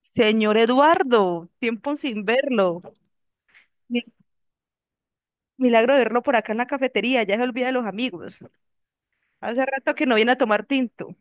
Señor Eduardo, tiempo sin verlo. Mi- Milagro de verlo por acá en la cafetería, ya se olvida de los amigos. Hace rato que no viene a tomar tinto.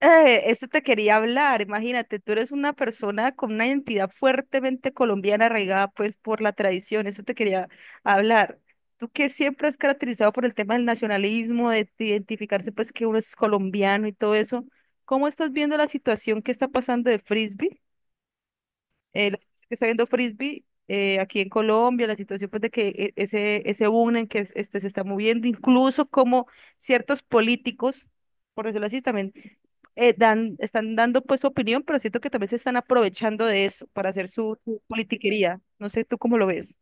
Esto te quería hablar, imagínate, tú eres una persona con una identidad fuertemente colombiana arraigada pues por la tradición, eso te quería hablar. Tú que siempre has caracterizado por el tema del nacionalismo, de identificarse pues que uno es colombiano y todo eso, ¿cómo estás viendo la situación que está pasando de Frisbee? La situación que está viendo Frisbee aquí en Colombia, la situación pues, de que ese, ese boom en que este, se está moviendo, incluso como ciertos políticos, por decirlo así, también están dando pues su opinión, pero siento que también se están aprovechando de eso para hacer su politiquería. No sé tú cómo lo ves.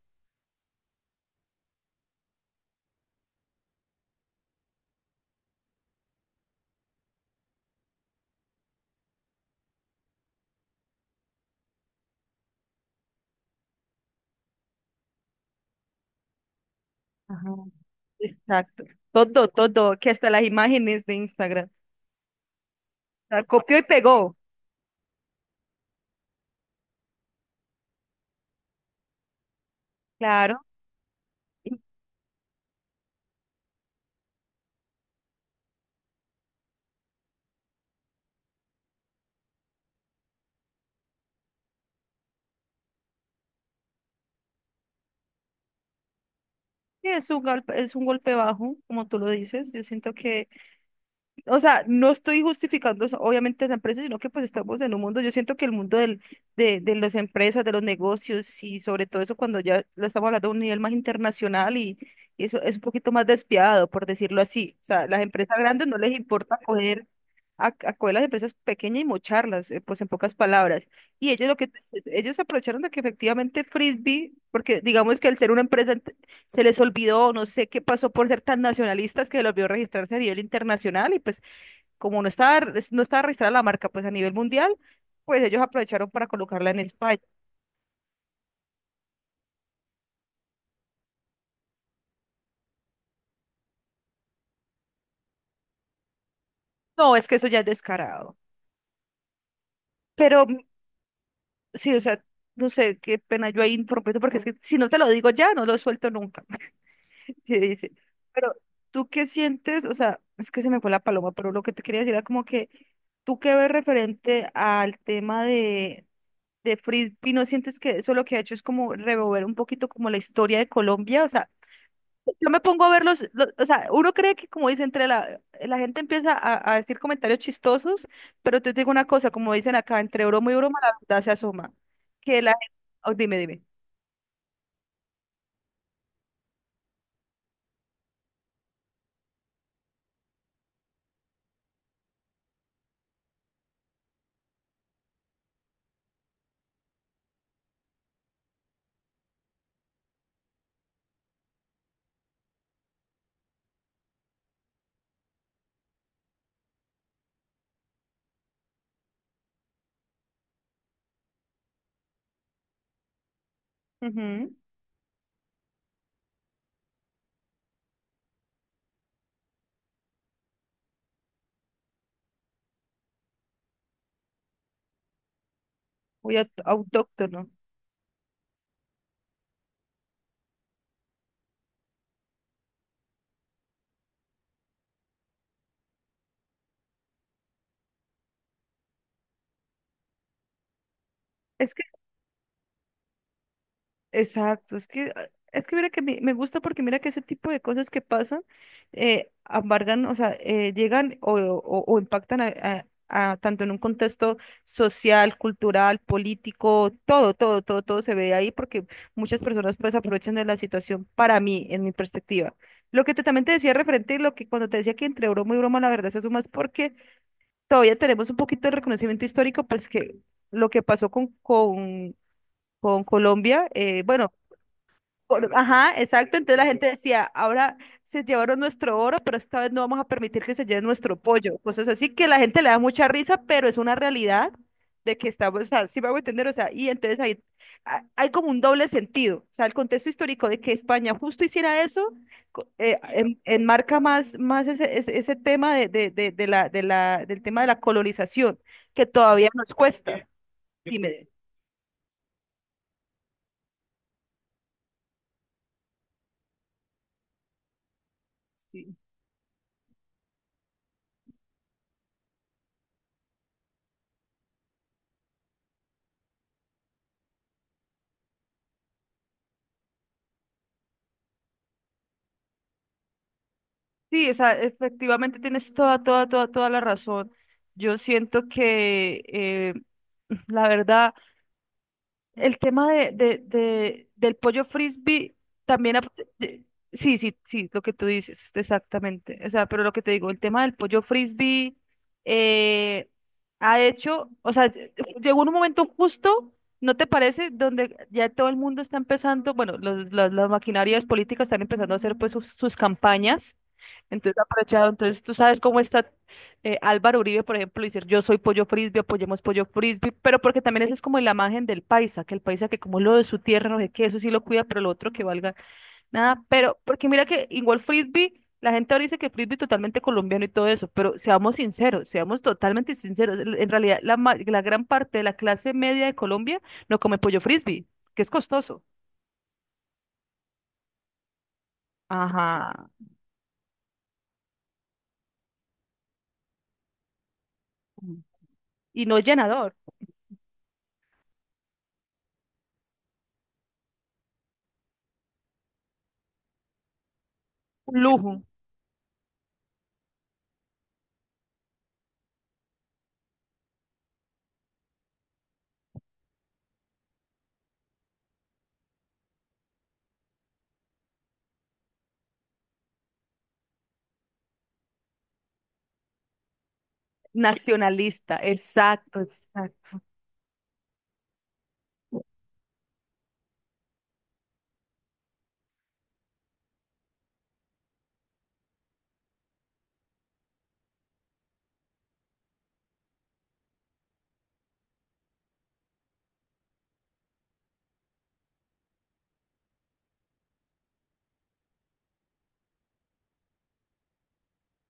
Ajá. Exacto. Todo, todo, que hasta las imágenes de Instagram. O sea, copió y pegó. Claro. Es un golpe bajo, como tú lo dices. Yo siento que... O sea, no estoy justificando obviamente las empresas, sino que pues estamos en un mundo, yo siento que el mundo de las empresas, de los negocios y sobre todo eso cuando ya lo estamos hablando a un nivel más internacional y eso es un poquito más despiadado, por decirlo así. O sea, las empresas grandes no les importa coger a coger las empresas pequeñas y mocharlas, pues en pocas palabras. Y ellos lo que tú dices, ellos aprovecharon de que efectivamente Frisbee, porque digamos que al ser una empresa se les olvidó, no sé qué pasó por ser tan nacionalistas que se les olvidó registrarse a nivel internacional y pues como no estaba, no estaba registrada la marca pues a nivel mundial, pues ellos aprovecharon para colocarla en España. No, es que eso ya es descarado. Pero sí, o sea, no sé, qué pena yo ahí interrumpiendo, porque es que si no te lo digo ya, no lo suelto nunca. que dice. Pero tú qué sientes, o sea, es que se me fue la paloma, pero lo que te quería decir era como que tú qué ves referente al tema de Frisbee, ¿no sientes que eso lo que ha hecho es como revolver un poquito como la historia de Colombia? O sea, yo me pongo a verlos, o sea, uno cree que como dice entre la gente empieza a decir comentarios chistosos, pero te digo una cosa, como dicen acá, entre broma y broma la verdad se asoma. Que la gente, dime, dime. Ujú. Muy autóctono. Es Exacto, es que mira que me gusta porque mira que ese tipo de cosas que pasan, embargan, o sea, llegan o impactan a tanto en un contexto social, cultural, político, todo, todo, todo, todo se ve ahí porque muchas personas pues aprovechan de la situación para mí, en mi perspectiva. Lo que te, también te decía referente, lo que cuando te decía que entre broma y broma la verdad se suma es porque todavía tenemos un poquito de reconocimiento histórico, pues que lo que pasó con con Colombia, bueno, ajá, exacto. Entonces la gente decía, ahora se llevaron nuestro oro, pero esta vez no vamos a permitir que se lleve nuestro pollo. Cosas así que la gente le da mucha risa, pero es una realidad de que estamos, o sea, sí me hago entender, o sea, y entonces ahí hay como un doble sentido. O sea, el contexto histórico de que España justo hiciera eso, enmarca más, más ese tema del tema de la colonización, que todavía nos cuesta. Dime. Sí, o sea, efectivamente tienes toda, toda, toda, toda la razón. Yo siento que la verdad. El tema del pollo frisbee también... de- sí, sí, sí, lo que tú dices, exactamente. O sea, pero lo que te digo, el tema del pollo frisbee eh, ha hecho, o sea, llegó un momento justo, ¿no te parece? Donde ya todo el mundo está empezando, bueno, las maquinarias políticas están empezando a hacer pues sus campañas. Entonces, aprovechado, entonces tú sabes cómo está Álvaro Uribe, por ejemplo, decir yo soy pollo frisbee, apoyemos pollo frisbee, pero porque también esa es como la imagen del paisa, que el paisa que como lo de su tierra, no sé qué, eso sí lo cuida, pero lo otro que valga nada, pero porque mira que igual frisbee, la gente ahora dice que frisbee es totalmente colombiano y todo eso, pero seamos sinceros, seamos totalmente sinceros, en realidad la, la gran parte de la clase media de Colombia no come pollo frisbee, que es costoso. Ajá. Y no es llenador, un lujo. Nacionalista, exacto, exacto.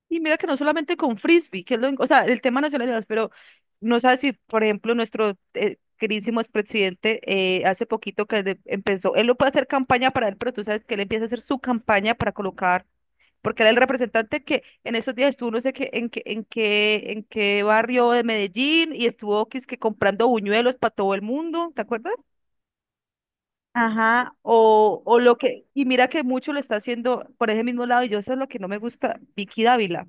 Y mira que no solamente con frisbee, que es lo, o sea, el tema nacional, pero no sabes si, por ejemplo, nuestro queridísimo expresidente hace poquito que empezó, él no puede hacer campaña para él, pero tú sabes que él empieza a hacer su campaña para colocar, porque era el representante que en esos días estuvo no sé qué, en qué barrio de Medellín y estuvo que, es que comprando buñuelos para todo el mundo, ¿te acuerdas? Ajá, o lo que, y mira que mucho lo está haciendo por ese mismo lado, y yo eso es lo que no me gusta, Vicky Dávila.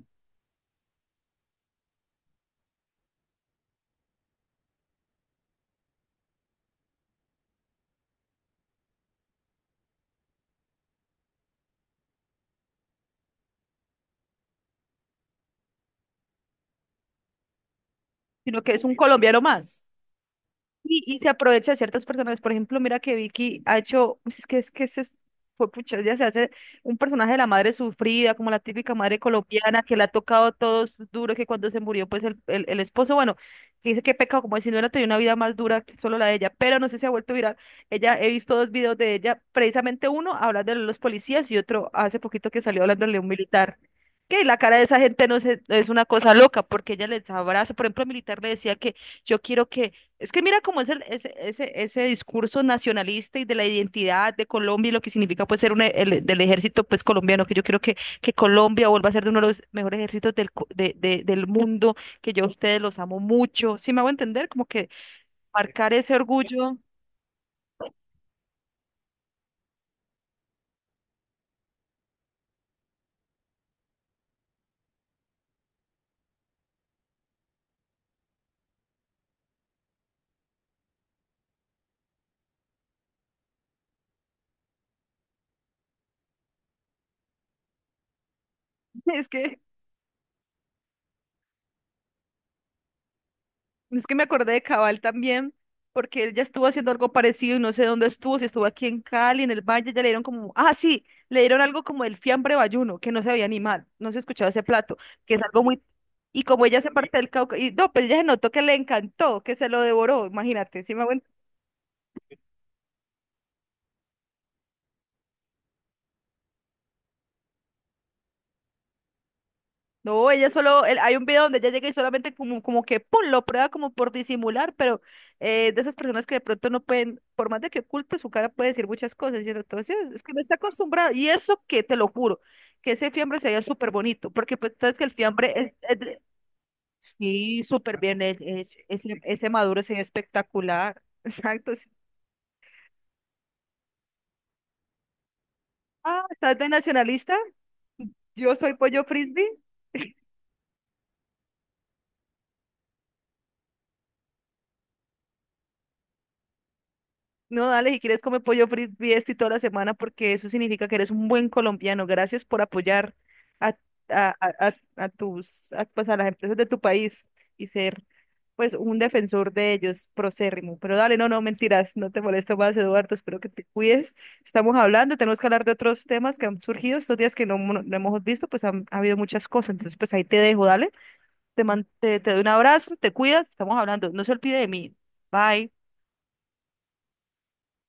Sino que es un colombiano más. Y se aprovecha de ciertas personas. Por ejemplo, mira que Vicky ha hecho, es que se fue pucha, ya se hace un personaje de la madre sufrida, como la típica madre colombiana que le ha tocado todo duro, que cuando se murió, pues el esposo, bueno, que dice que pecado, como si no hubiera tenido una vida más dura que solo la de ella, pero no sé si ha vuelto viral. Ella, he visto dos videos de ella, precisamente uno hablando de los policías y otro hace poquito que salió hablándole de un militar. Que la cara de esa gente no es una cosa loca, porque ella les abraza. Por ejemplo, el militar le decía que yo quiero que es que mira cómo es ese discurso nacionalista y de la identidad de Colombia y lo que significa pues ser un, del ejército pues colombiano, que yo quiero que Colombia vuelva a ser de uno de los mejores ejércitos del, co- de- del mundo, que yo a ustedes los amo mucho. ¿Sí me hago entender? Como que marcar ese orgullo. Es que Es que me acordé de Cabal también, porque él ya estuvo haciendo algo parecido y no sé dónde estuvo, si estuvo aquí en Cali, en el Valle, ya le dieron como, ah, sí, le dieron algo como el fiambre bayuno, que no se había animado no se escuchaba ese plato, que es algo muy, y como ella se parte del Cauca, y no, pues ella se notó que le encantó, que se lo devoró, imagínate, si... No, ella solo, hay un video donde ella llega y solamente como que pum, lo prueba como por disimular, pero de esas personas que de pronto no pueden, por más de que oculte su cara, puede decir muchas cosas, ¿cierto? Entonces, es que no está acostumbrado. Y eso que te lo juro, que ese fiambre se veía súper bonito, porque pues sabes que el fiambre es de... sí, súper bien, ese maduro es espectacular. Exacto. Sí. Ah, ¿estás de nacionalista? Yo soy pollo frisbee. No, dale, si quieres come pollo frito y toda la semana porque eso significa que eres un buen colombiano. Gracias por apoyar a, a tus, a, pues a las empresas de tu país y ser pues un defensor de ellos, procérrimo. Pero dale, no, no, mentiras, no te molesto más, Eduardo, espero que te cuides. Estamos hablando, tenemos que hablar de otros temas que han surgido estos días que no, no hemos visto, pues han, ha habido muchas cosas. Entonces, pues ahí te dejo, dale. Te doy un abrazo, te cuidas, estamos hablando. No se olvide de mí. Bye.